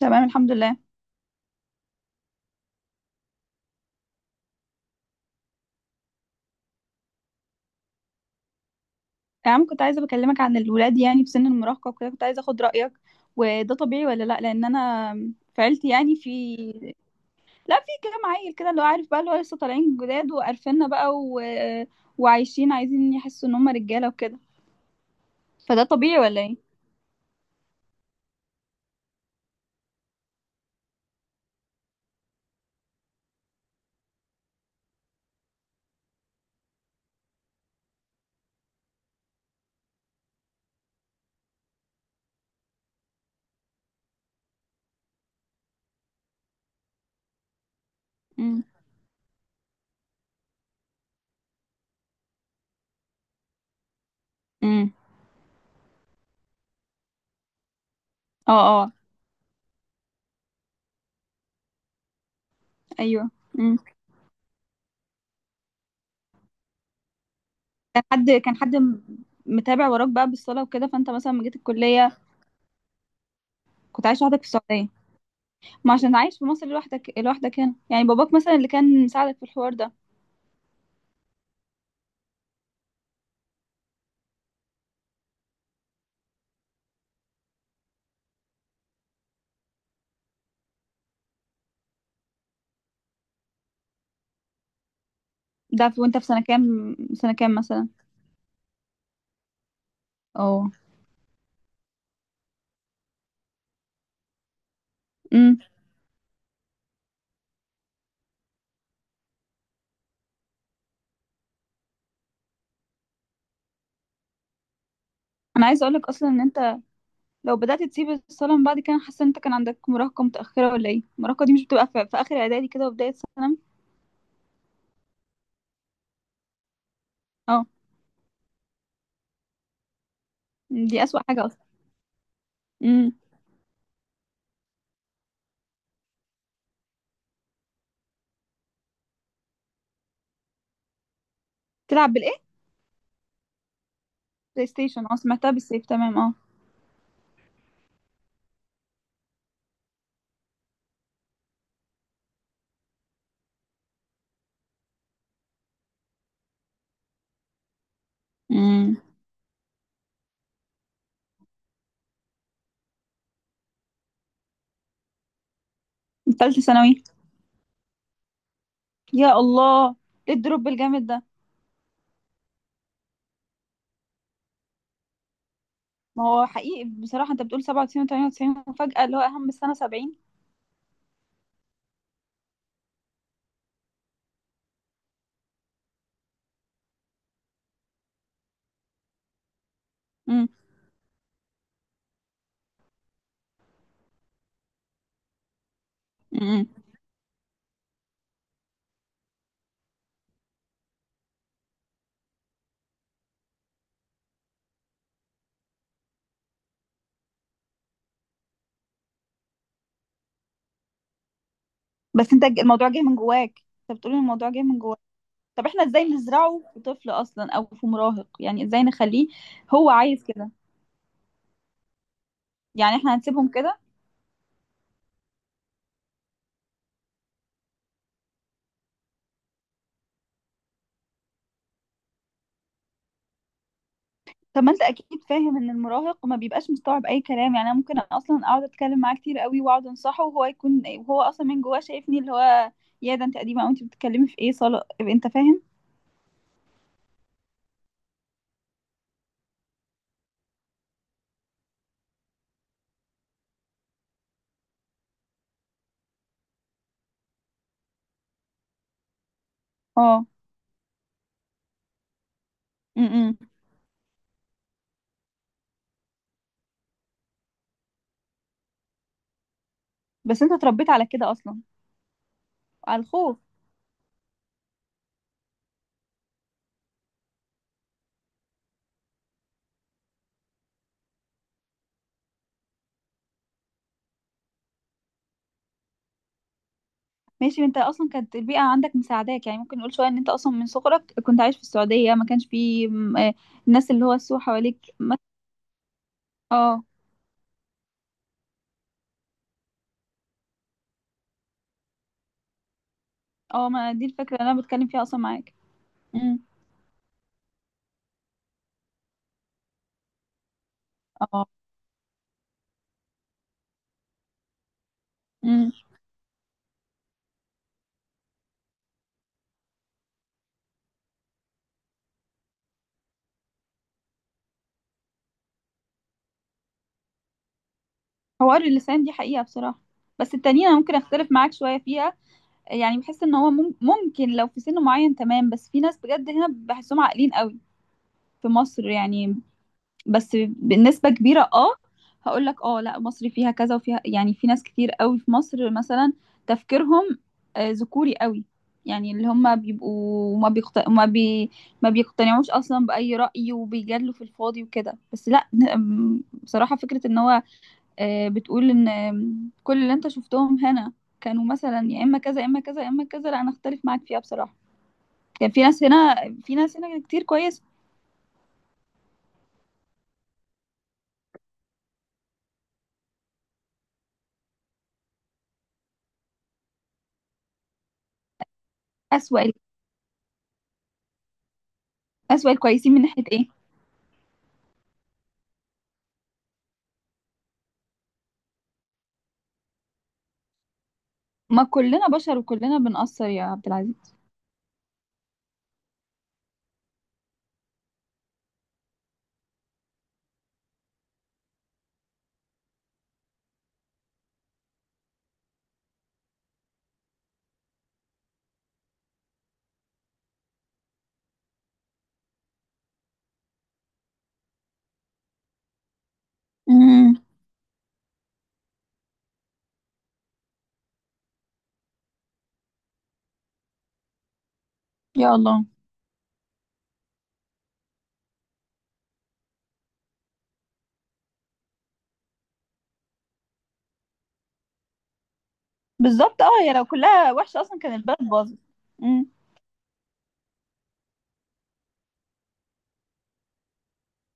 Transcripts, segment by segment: تمام الحمد لله. يا عم، كنت عايزه بكلمك عن الولاد يعني في سن المراهقه وكده، كنت عايزه اخد رايك. وده طبيعي ولا لا؟ لان انا في عيلتي يعني في لا، في كام عيل كده اللي هو عارف بقى، اللي هو لسه طالعين جداد وقرفنا بقى، و... وعايشين عايزين يحسوا ان هم رجاله وكده. فده طبيعي ولا ايه؟ امم. امم. اه اه. ايوه. امم. كان حد متابع وراك بقى بالصلاه وكده، فانت مثلا لما جيت الكليه كنت عايش لوحدك في السعوديه؟ ما عشان عايش في مصر لوحدك، لوحدك هنا يعني باباك مثلا اللي كان مساعدك في الحوار ده؟ ده في وانت في سنة كام مثلا. اه. امم. انا عايزه اقولك اصلا ان انت لو بدأت تسيب الصلاة من بعد كده، أنا حاسة ان انت كان عندك مراهقة متأخرة، ولا ايه؟ المراهقة دي مش بتبقى في اخر اعدادي كده وبداية ثانوي؟ اه. دي اسوأ حاجة اصلا. امم. تلعب بالايه؟ بلاي ستيشن، اه، سمعتها بالسيف، تمام، اه. امم. تالتة ثانوي. يا الله، ايه الدروب الجامد ده! ما هو حقيقي بصراحة، انت بتقول 97 و98 وفجأة اللي هو اهم السنة 70. امم. امم. بس انت الموضوع جاي من جواك، انت بتقول إن الموضوع جاي من جواك. طب احنا ازاي نزرعه في طفل اصلا او في مراهق؟ يعني ازاي نخليه هو عايز كده؟ يعني احنا هنسيبهم كده؟ طب ما انت اكيد فاهم ان المراهق ما بيبقاش مستوعب اي كلام. يعني انا ممكن اصلا اقعد اتكلم معاه كتير قوي واقعد انصحه، وهو يكون وهو اصلا من جواه شايفني اللي هو يا ده انت قديمه، او انت بتتكلمي في ايه صاله، انت فاهم. اه. امم. بس انت اتربيت على كده اصلا، على الخوف. ماشي، انت اصلا كانت البيئه عندك مساعداك. يعني ممكن نقول شويه ان انت اصلا من صغرك كنت عايش في السعوديه، ما كانش فيه الناس اللي هو السوء حواليك اه. اه. ما دي الفكرة اللي انا بتكلم فيها اصلا معاك. امم. اه. امم. حوار اللسان دي حقيقة بصراحة. بس التانيين انا ممكن اختلف معاك شوية فيها. يعني بحس ان هو ممكن لو في سن معين، تمام، بس في ناس بجد هنا بحسهم عاقلين قوي، في مصر يعني، بس بنسبة كبيرة اه. هقول لك اه، لا مصر فيها كذا وفيها، يعني في ناس كتير قوي في مصر مثلا تفكيرهم ذكوري قوي، يعني اللي هم بيبقوا ما بيقتنعوش اصلا بأي رأي وبيجادلوا في الفاضي وكده. بس لا، بصراحة، فكرة ان هو بتقول ان كل اللي انت شفتهم هنا كانوا مثلا يا اما كذا يا اما كذا يا اما كذا، لا انا اختلف معاك فيها بصراحة. كان في ناس هنا في ناس هنا كتير كويسة. أسوأ أسوأ الكويسين من ناحية ايه؟ ما كلنا بشر وكلنا بنقصر يا عبد العزيز. امم. يا الله. بالظبط اه، هي لو كلها وحشة اصلا كان البلد باظت. امم.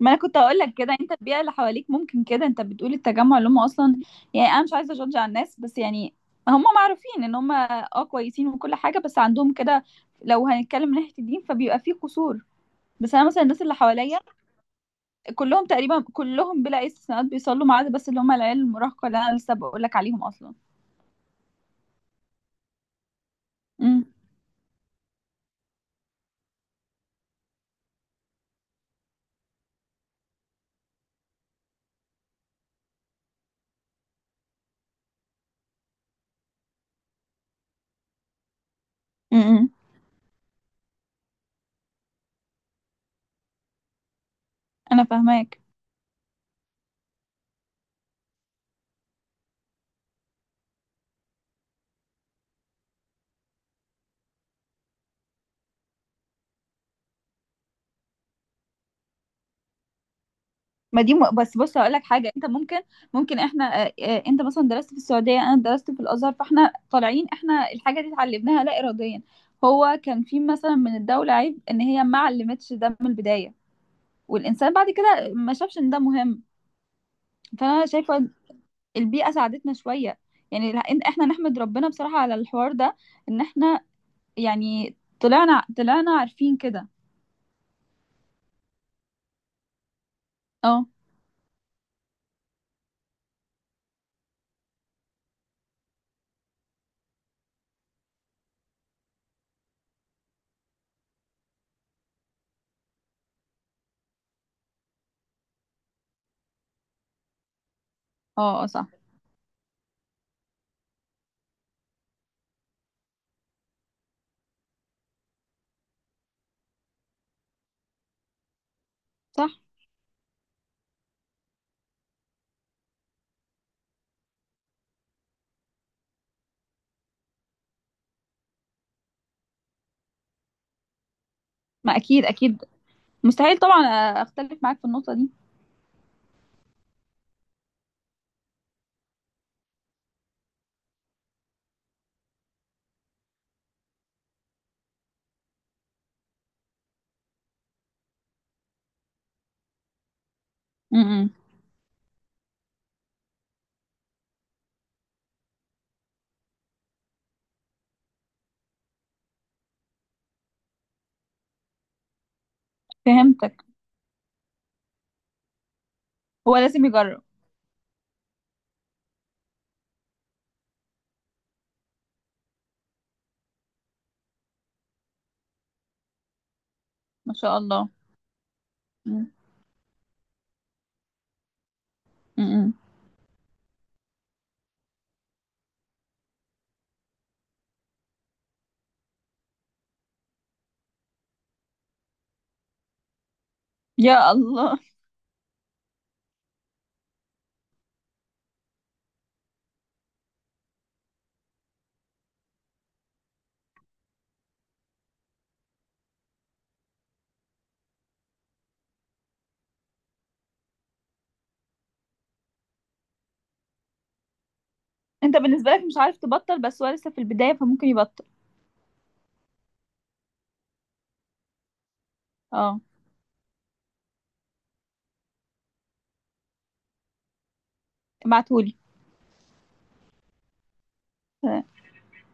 ما انا كنت هقول لك كده، انت البيئة اللي حواليك، ممكن كده انت بتقول التجمع اللي هم اصلا، يعني انا مش عايزة اجادج على الناس، بس يعني هم معروفين ان هم اه كويسين وكل حاجة، بس عندهم كده لو هنتكلم من ناحية الدين فبيبقى فيه قصور. بس انا مثلا الناس اللي حواليا كلهم تقريبا، كلهم بلا استثناءات بيصلوا، ما عدا بس اللي هم العيال المراهقة اللي انا لسه بقول لك عليهم اصلا. امم. امم. انا فاهماك. ما دي م... بس بص هقول لك حاجه، انت ممكن احنا انت مثلا درست في السعوديه، انا درست في الازهر، فاحنا طالعين احنا الحاجه دي اتعلمناها لا اراديا. هو كان في مثلا من الدوله عيب ان هي ما علمتش ده من البدايه، والانسان بعد كده ما شافش ان ده مهم. فانا شايفه البيئه ساعدتنا شويه. يعني إن احنا نحمد ربنا بصراحه على الحوار ده، ان احنا يعني طلعنا عارفين كده. اه. اه. آه، صح. صح. ما اكيد اكيد. مستحيل طبعا اختلف معاك في النقطه دي. م- م. فهمتك. هو لازم يجرب. ما شاء الله. مم. مم. يا الله. انت بالنسبة لك مش عارف تبطل، بس هو لسه في البداية فممكن يبطل. اه. ابعتهولي.